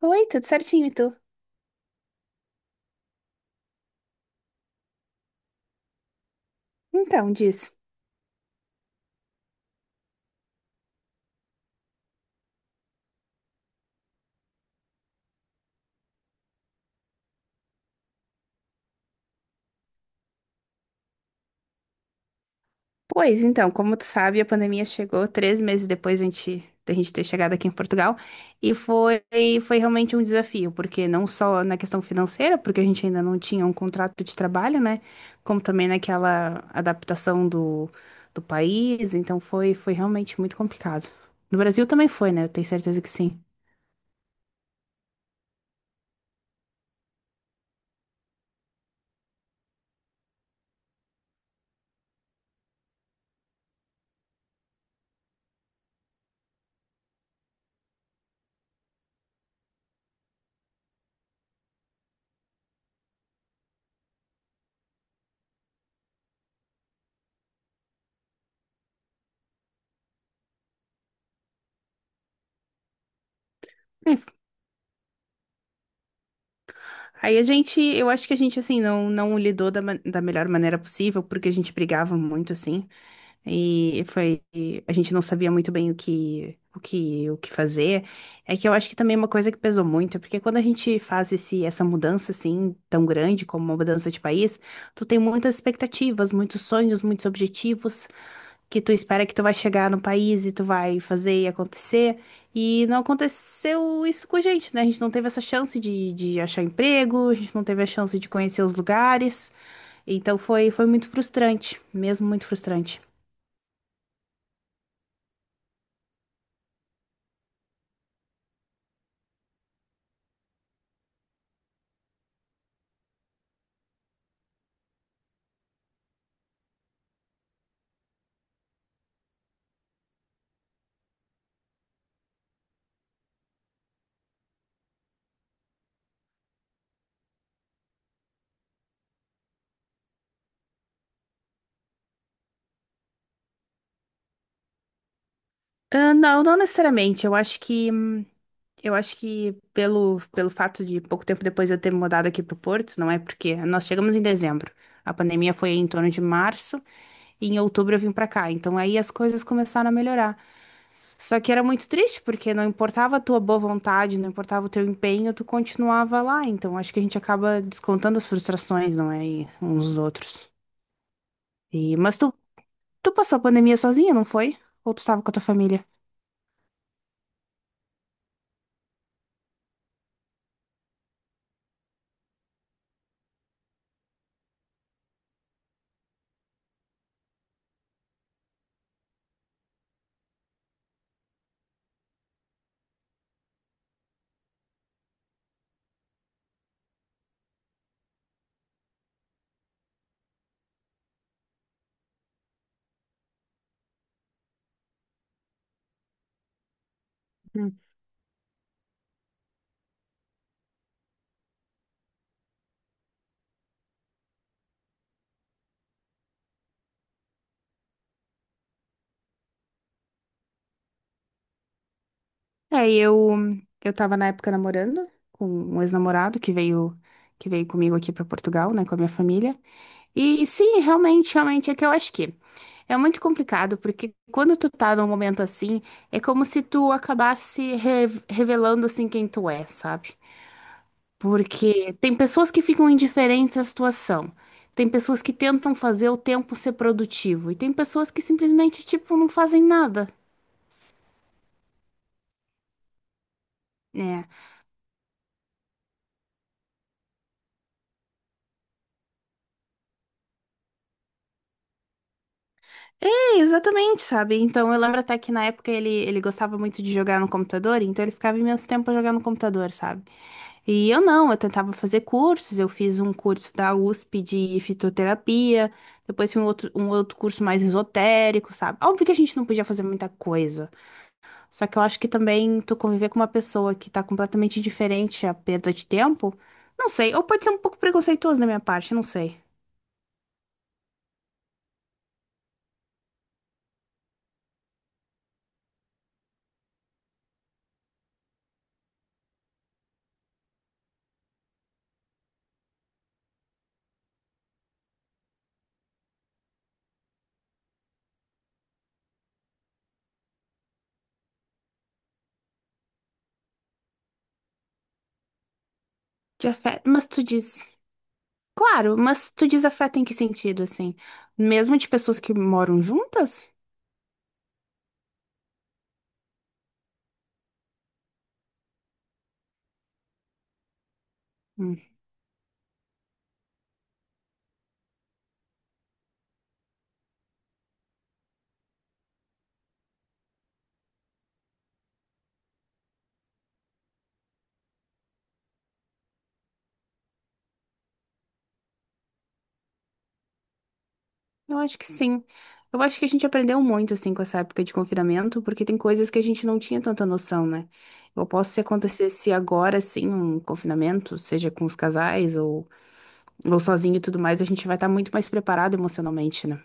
Oi, tudo certinho, e tu? Então, diz. Pois então, como tu sabe, a pandemia chegou 3 meses depois da gente ter chegado aqui em Portugal e foi realmente um desafio, porque não só na questão financeira, porque a gente ainda não tinha um contrato de trabalho, né? Como também naquela adaptação do país, então foi realmente muito complicado. No Brasil também foi, né? Eu tenho certeza que sim. Hum, Aí a gente, eu acho que a gente, assim, não lidou da melhor maneira possível, porque a gente brigava muito, assim. E foi, a gente não sabia muito bem o que fazer. É que eu acho que também é uma coisa que pesou muito, é porque quando a gente faz essa mudança assim, tão grande como uma mudança de país, tu tem muitas expectativas, muitos sonhos, muitos objetivos que tu espera que tu vai chegar no país e tu vai fazer e acontecer. E não aconteceu isso com a gente, né? A gente não teve essa chance de achar emprego, a gente não teve a chance de conhecer os lugares. Então foi, foi muito frustrante, mesmo muito frustrante. Ah, não, não necessariamente. Eu acho que pelo fato de pouco tempo depois eu ter me mudado aqui para o Porto, não é porque nós chegamos em dezembro. A pandemia foi em torno de março e em outubro eu vim para cá. Então aí as coisas começaram a melhorar. Só que era muito triste porque não importava a tua boa vontade, não importava o teu empenho, tu continuava lá. Então acho que a gente acaba descontando as frustrações, não é, e uns dos outros. E mas tu passou a pandemia sozinha, não foi? Ou tu estava com a tua família? É, e eu tava na época namorando com um ex-namorado que veio comigo aqui pra Portugal, né, com a minha família. E sim, realmente, realmente é que eu acho que é muito complicado, porque quando tu tá num momento assim, é como se tu acabasse revelando assim quem tu é, sabe? Porque tem pessoas que ficam indiferentes à situação. Tem pessoas que tentam fazer o tempo ser produtivo e tem pessoas que simplesmente, tipo, não fazem nada. Né? É, exatamente, sabe? Então eu lembro até que na época ele gostava muito de jogar no computador, então ele ficava imenso tempo jogando no computador, sabe? E eu não, eu tentava fazer cursos, eu fiz um curso da USP de fitoterapia, depois fiz um outro curso mais esotérico, sabe? Óbvio que a gente não podia fazer muita coisa, só que eu acho que também tu conviver com uma pessoa que tá completamente diferente, é a perda de tempo, não sei, ou pode ser um pouco preconceituoso da minha parte, não sei. De afeto, mas tu diz. Claro, mas tu diz afeto em que sentido, assim? Mesmo de pessoas que moram juntas? Hum, eu acho que sim. Eu acho que a gente aprendeu muito, assim, com essa época de confinamento, porque tem coisas que a gente não tinha tanta noção, né? Eu posso se acontecesse agora, assim, um confinamento, seja com os casais ou sozinho e tudo mais, a gente vai estar muito mais preparado emocionalmente, né?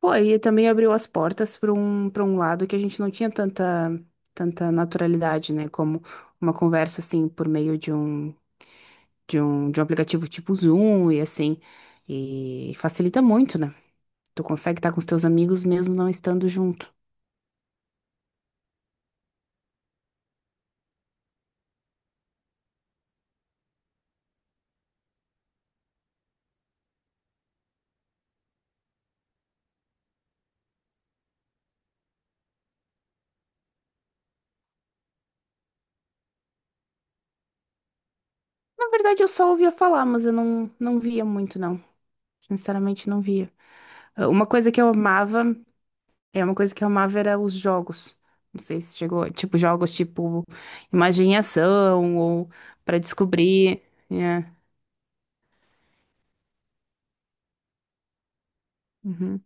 Pô, e também abriu as portas para um lado que a gente não tinha tanta, tanta naturalidade, né? Como uma conversa, assim, por meio de um aplicativo tipo Zoom e assim. E facilita muito, né? Tu consegue estar com os teus amigos mesmo não estando junto. Na verdade, eu só ouvia falar, mas eu não via muito, não. Sinceramente, não via. Ah, Uma coisa que eu amava, é uma coisa que eu amava era os jogos. Não sei se chegou, tipo, jogos tipo imagem e ação ou para descobrir. É. Uhum.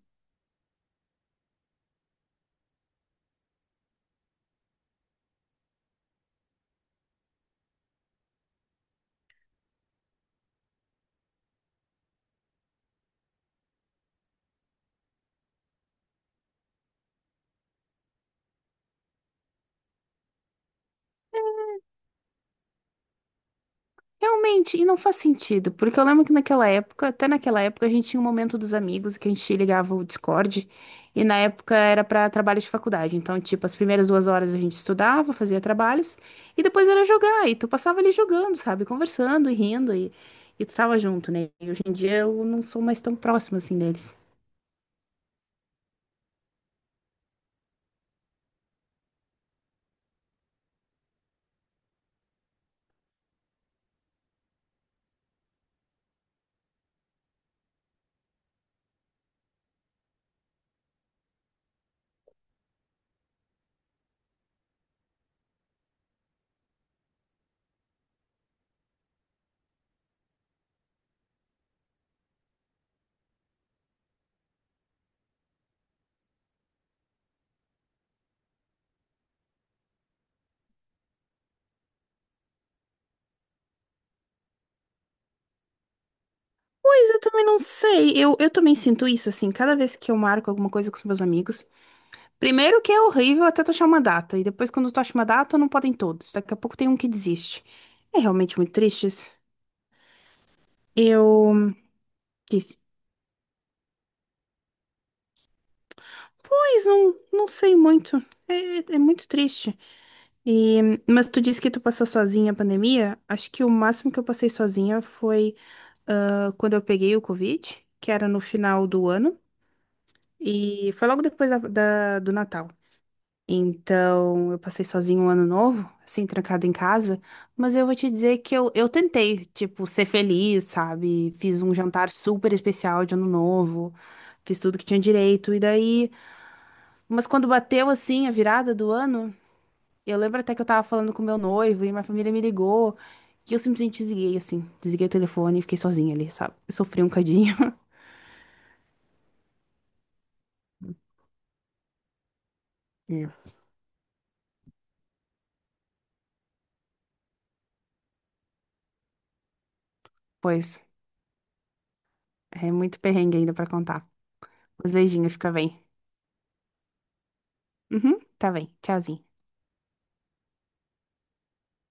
Realmente, e não faz sentido, porque eu lembro que naquela época, até naquela época, a gente tinha um momento dos amigos que a gente ligava o Discord, e na época era para trabalho de faculdade. Então, tipo, as primeiras 2 horas a gente estudava, fazia trabalhos, e depois era jogar, e tu passava ali jogando, sabe? Conversando e rindo, e tu tava junto, né? E hoje em dia eu não sou mais tão próxima assim deles. Pois eu também não sei, eu também sinto isso, assim, cada vez que eu marco alguma coisa com os meus amigos. Primeiro que é horrível até tu achar uma data, e depois quando tu acha uma data, não podem todos. Daqui a pouco tem um que desiste. É realmente muito triste isso. Eu disse, pois não sei muito. É, é muito triste. E, mas tu disse que tu passou sozinha a pandemia. Acho que o máximo que eu passei sozinha foi quando eu peguei o Covid, que era no final do ano, e foi logo depois do Natal. Então, eu passei sozinho um ano novo, assim, trancada em casa. Mas eu vou te dizer que eu tentei, tipo, ser feliz, sabe? Fiz um jantar super especial de ano novo, fiz tudo que tinha direito. E daí, mas quando bateu, assim, a virada do ano, eu lembro até que eu tava falando com meu noivo e minha família me ligou. E eu simplesmente desliguei, assim, desliguei o telefone e fiquei sozinha ali, sabe? Eu sofri um cadinho. Hum. Pois, é muito perrengue ainda pra contar. Mas beijinho, fica bem. Uhum, tá bem. Tchauzinho.